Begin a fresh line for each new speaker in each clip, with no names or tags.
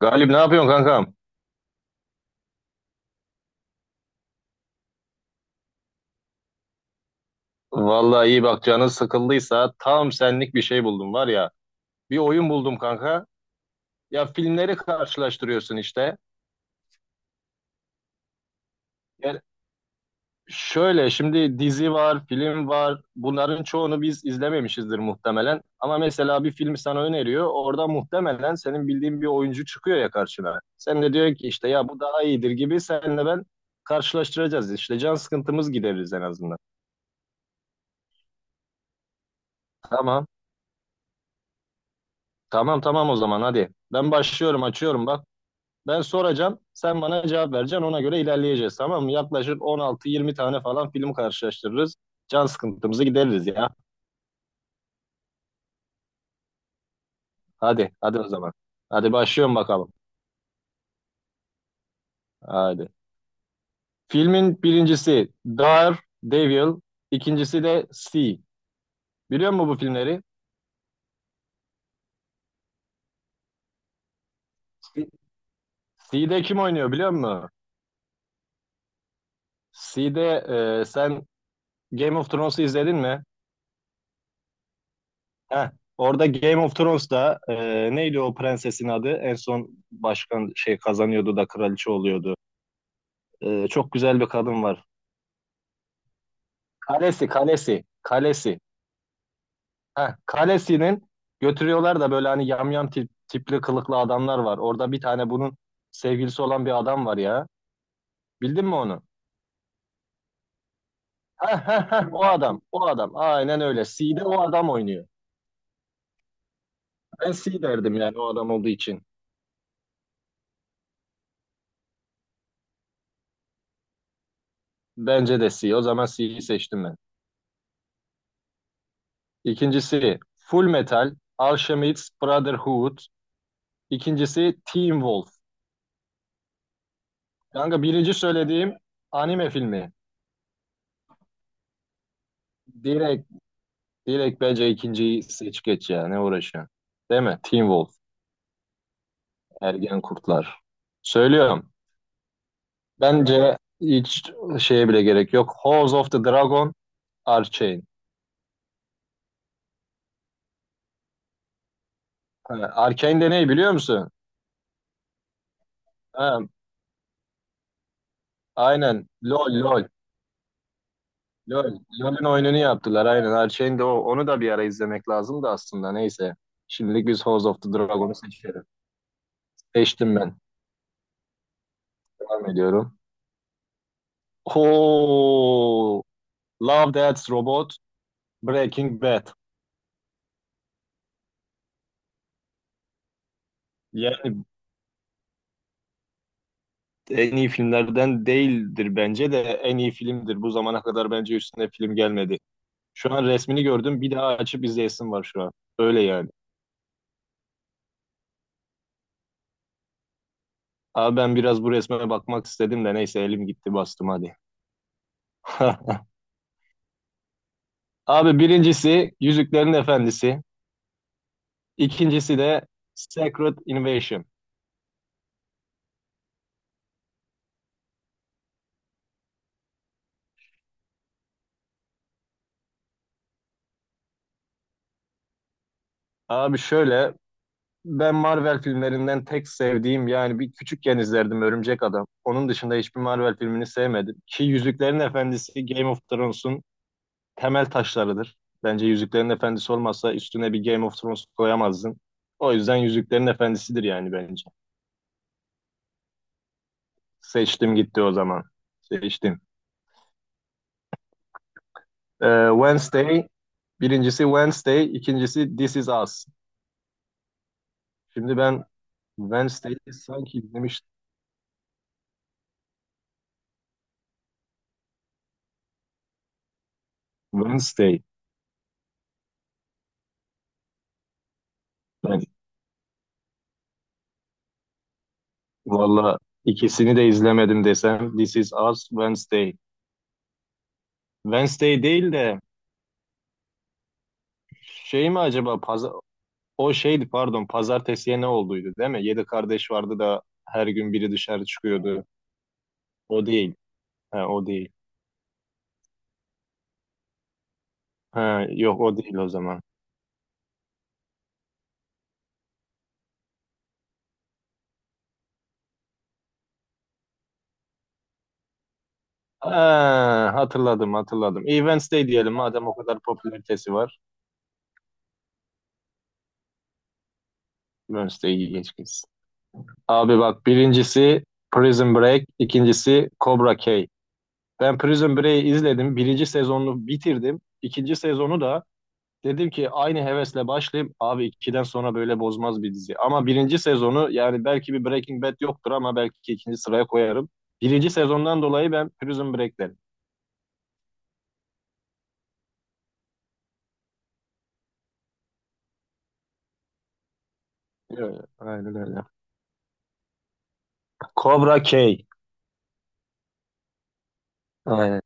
Galip ne yapıyorsun kankam? Vallahi iyi bak canın sıkıldıysa tam senlik bir şey buldum var ya. Bir oyun buldum kanka. Ya filmleri karşılaştırıyorsun işte. Yani şöyle şimdi dizi var, film var. Bunların çoğunu biz izlememişizdir muhtemelen. Ama mesela bir film sana öneriyor. Orada muhtemelen senin bildiğin bir oyuncu çıkıyor ya karşına. Sen de diyor ki işte ya bu daha iyidir gibi senle ben karşılaştıracağız. İşte can sıkıntımız gideririz en azından. Tamam. Tamam tamam o zaman hadi. Ben başlıyorum açıyorum bak. Ben soracağım, sen bana cevap vereceksin. Ona göre ilerleyeceğiz, tamam mı? Yaklaşık 16, 20 tane falan film karşılaştırırız. Can sıkıntımızı gideririz ya. Hadi, hadi o zaman. Hadi başlıyorum bakalım. Hadi. Filmin birincisi Dar Devil, ikincisi de C. Biliyor musun bu filmleri? C Sea'de kim oynuyor biliyor musun? Sea'de sen Game of Thrones'u izledin mi? Heh. Orada Game of Thrones'da neydi o prensesin adı? En son başkan şey kazanıyordu da kraliçe oluyordu. Çok güzel bir kadın var. Kalesi, kalesi, kalesi. Heh, kalesinin götürüyorlar da böyle hani yamyam tipli kılıklı adamlar var. Orada bir tane bunun sevgilisi olan bir adam var ya. Bildin mi onu? Heh, heh, heh, o adam, o adam. Aynen öyle. C'de o adam oynuyor. Ben C derdim yani o adam olduğu için. Bence de C. O zaman C'yi seçtim ben. İkincisi Full Metal, Alchemist Brotherhood. İkincisi Teen Wolf. Kanka birinci söylediğim anime filmi. Direkt Direkt bence ikinciyi seç geç ya. Ne uğraşıyorsun? Değil mi? Teen Wolf. Ergen Kurtlar. Söylüyorum. Bence hiç şeye bile gerek yok. House of the Dragon. Arcane. Ha, Arcane de ne biliyor musun? Ha, aynen. LOL LOL. LOL. LOL'ün oyununu yaptılar. Aynen. Arcane de o. Onu da bir ara izlemek lazım da aslında. Neyse. Şimdilik biz House of the Dragon'u seçelim. Seçtim ben. Devam ediyorum. Oo, Love Death Robot. Breaking Bad. Yani en iyi filmlerden değildir bence de en iyi filmdir. Bu zamana kadar bence üstüne film gelmedi. Şu an resmini gördüm bir daha açıp izleyesim var şu an. Öyle yani. Abi ben biraz bu resme bakmak istedim de neyse elim gitti bastım hadi. Abi birincisi Yüzüklerin Efendisi. İkincisi de Secret Invasion. Abi şöyle ben Marvel filmlerinden tek sevdiğim yani bir küçükken izlerdim Örümcek Adam. Onun dışında hiçbir Marvel filmini sevmedim. Ki Yüzüklerin Efendisi Game of Thrones'un temel taşlarıdır. Bence Yüzüklerin Efendisi olmazsa üstüne bir Game of Thrones koyamazdın. O yüzden Yüzüklerin Efendisi'dir yani bence. Seçtim gitti o zaman. Seçtim. Ee, Wednesday, birincisi Wednesday, ikincisi This Is Us. Şimdi ben Wednesday'i sanki izlemiştim. Wednesday. Ben valla ikisini de izlemedim desem This Is Us, Wednesday. Wednesday değil de şey mi acaba O şeydi pardon pazartesiye ne olduydu değil mi? Yedi kardeş vardı da her gün biri dışarı çıkıyordu. O değil. Ha, o değil. Ha, yok o değil o zaman. Ha, hatırladım hatırladım. İyi Wednesday diyelim madem o kadar popülaritesi var. Wednesday'i geç gitsin. Abi bak birincisi Prison Break, ikincisi Cobra Kai. Ben Prison Break'i izledim. Birinci sezonunu bitirdim. İkinci sezonu da Dedim ki aynı hevesle başlayayım. Abi ikiden sonra böyle bozmaz bir dizi. Ama birinci sezonu yani belki bir Breaking Bad yoktur ama belki ikinci sıraya koyarım. Birinci sezondan dolayı ben Prison Break derim. Evet, aynen öyle. Cobra K. Aynen.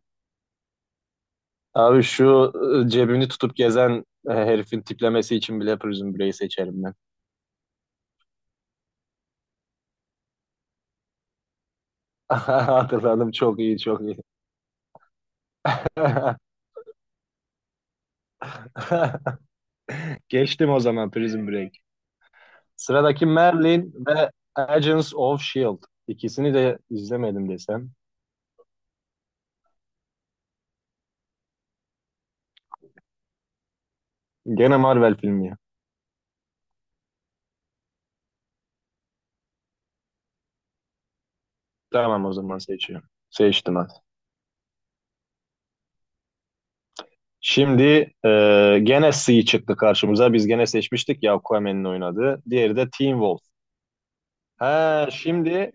Abi şu cebini tutup gezen herifin tiplemesi için bile Prison Break'i seçerim ben. Hatırladım çok iyi çok iyi. Geçtim o zaman Prison Break. Sıradaki Merlin ve Agents of S.H.I.E.L.D. İkisini de izlemedim desem. Gene Marvel filmi ya. Tamam o zaman seçiyorum. Seçtim hadi. Şimdi e, gene C çıktı karşımıza. Biz gene seçmiştik ya Aquaman'in oynadığı. Diğeri de Teen Wolf. Ha şimdi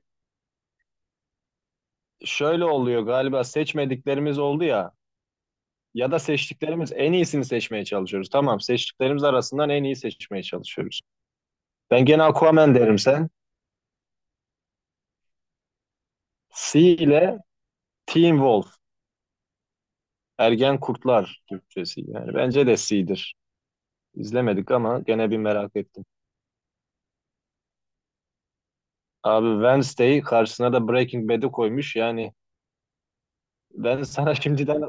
şöyle oluyor galiba seçmediklerimiz oldu ya. Ya da seçtiklerimiz en iyisini seçmeye çalışıyoruz. Tamam seçtiklerimiz arasından en iyi seçmeye çalışıyoruz. Ben gene Aquaman derim sen. C ile Teen Wolf. Ergen Kurtlar Türkçesi. Yani bence de C'dir. İzlemedik ama gene bir merak ettim. Abi Wednesday'i karşısına da Breaking Bad'i koymuş. Yani ben sana şimdiden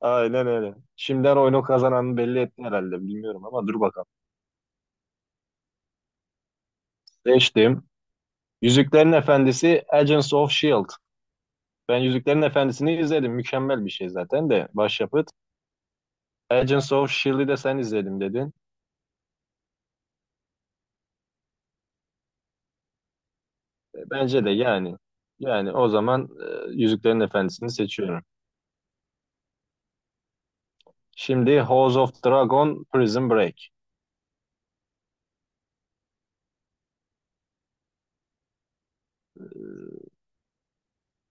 aynen öyle. Şimdiden oyunu kazananı belli etti herhalde. Bilmiyorum ama dur bakalım. Seçtim. Yüzüklerin Efendisi Agents of Shield. Ben Yüzüklerin Efendisi'ni izledim. Mükemmel bir şey zaten de başyapıt. Agents of Shield'i de sen izledim dedin. Bence de yani. Yani o zaman Yüzüklerin Efendisi'ni seçiyorum. Şimdi House of Dragon Prison Break.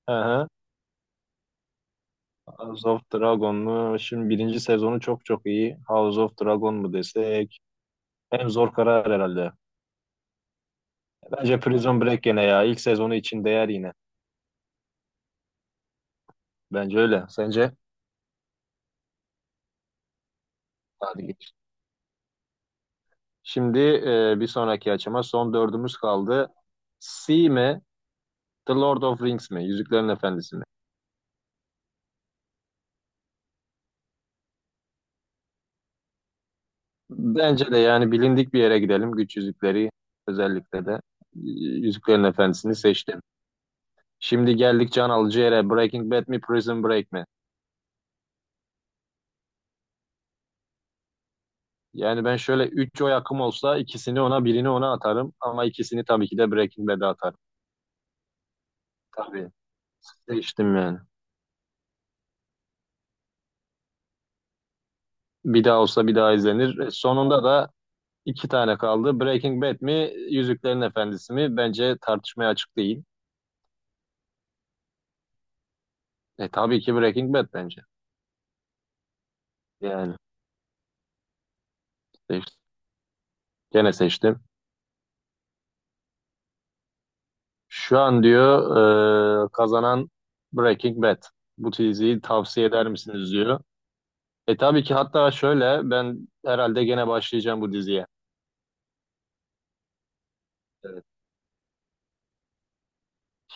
Hı hı. House of Dragon mu? Şimdi birinci sezonu çok çok iyi. House of Dragon mu desek? En zor karar herhalde. Bence Prison Break gene ya. İlk sezonu için değer yine. Bence öyle. Sence? Hadi geç. Şimdi bir sonraki açıma son dördümüz kaldı. Sea mi? The Lord of Rings mi? Yüzüklerin Efendisi mi? Bence de yani bilindik bir yere gidelim. Güç yüzükleri özellikle de. Yüzüklerin Efendisi'ni seçtim. Şimdi geldik can alıcı yere. Breaking Bad mi? Prison Break mi? Yani ben şöyle 3 oy hakkım olsa ikisini ona birini ona atarım ama ikisini tabii ki de Breaking Bad'e atarım. Tabii. Değiştim yani. Bir daha olsa bir daha izlenir. Sonunda da iki tane kaldı. Breaking Bad mi, Yüzüklerin Efendisi mi? Bence tartışmaya açık değil. E tabii ki Breaking Bad bence. Yani seçtim. Gene seçtim. Şu an diyor kazanan Breaking Bad. Bu diziyi tavsiye eder misiniz diyor. E tabii ki hatta şöyle ben herhalde gene başlayacağım bu diziye. E,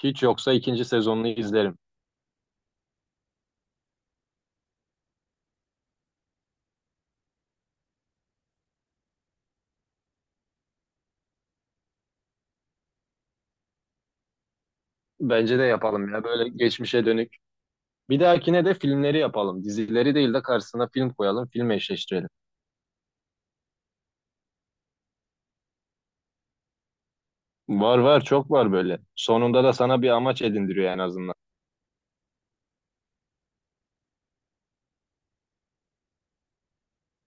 Hiç yoksa ikinci sezonunu izlerim. Bence de yapalım ya böyle geçmişe dönük. Bir dahakine de filmleri yapalım. Dizileri değil de karşısına film koyalım, film eşleştirelim. Var var çok var böyle. Sonunda da sana bir amaç edindiriyor en azından.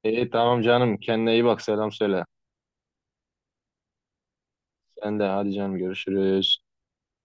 İyi tamam canım kendine iyi bak selam söyle. Sen de hadi canım görüşürüz.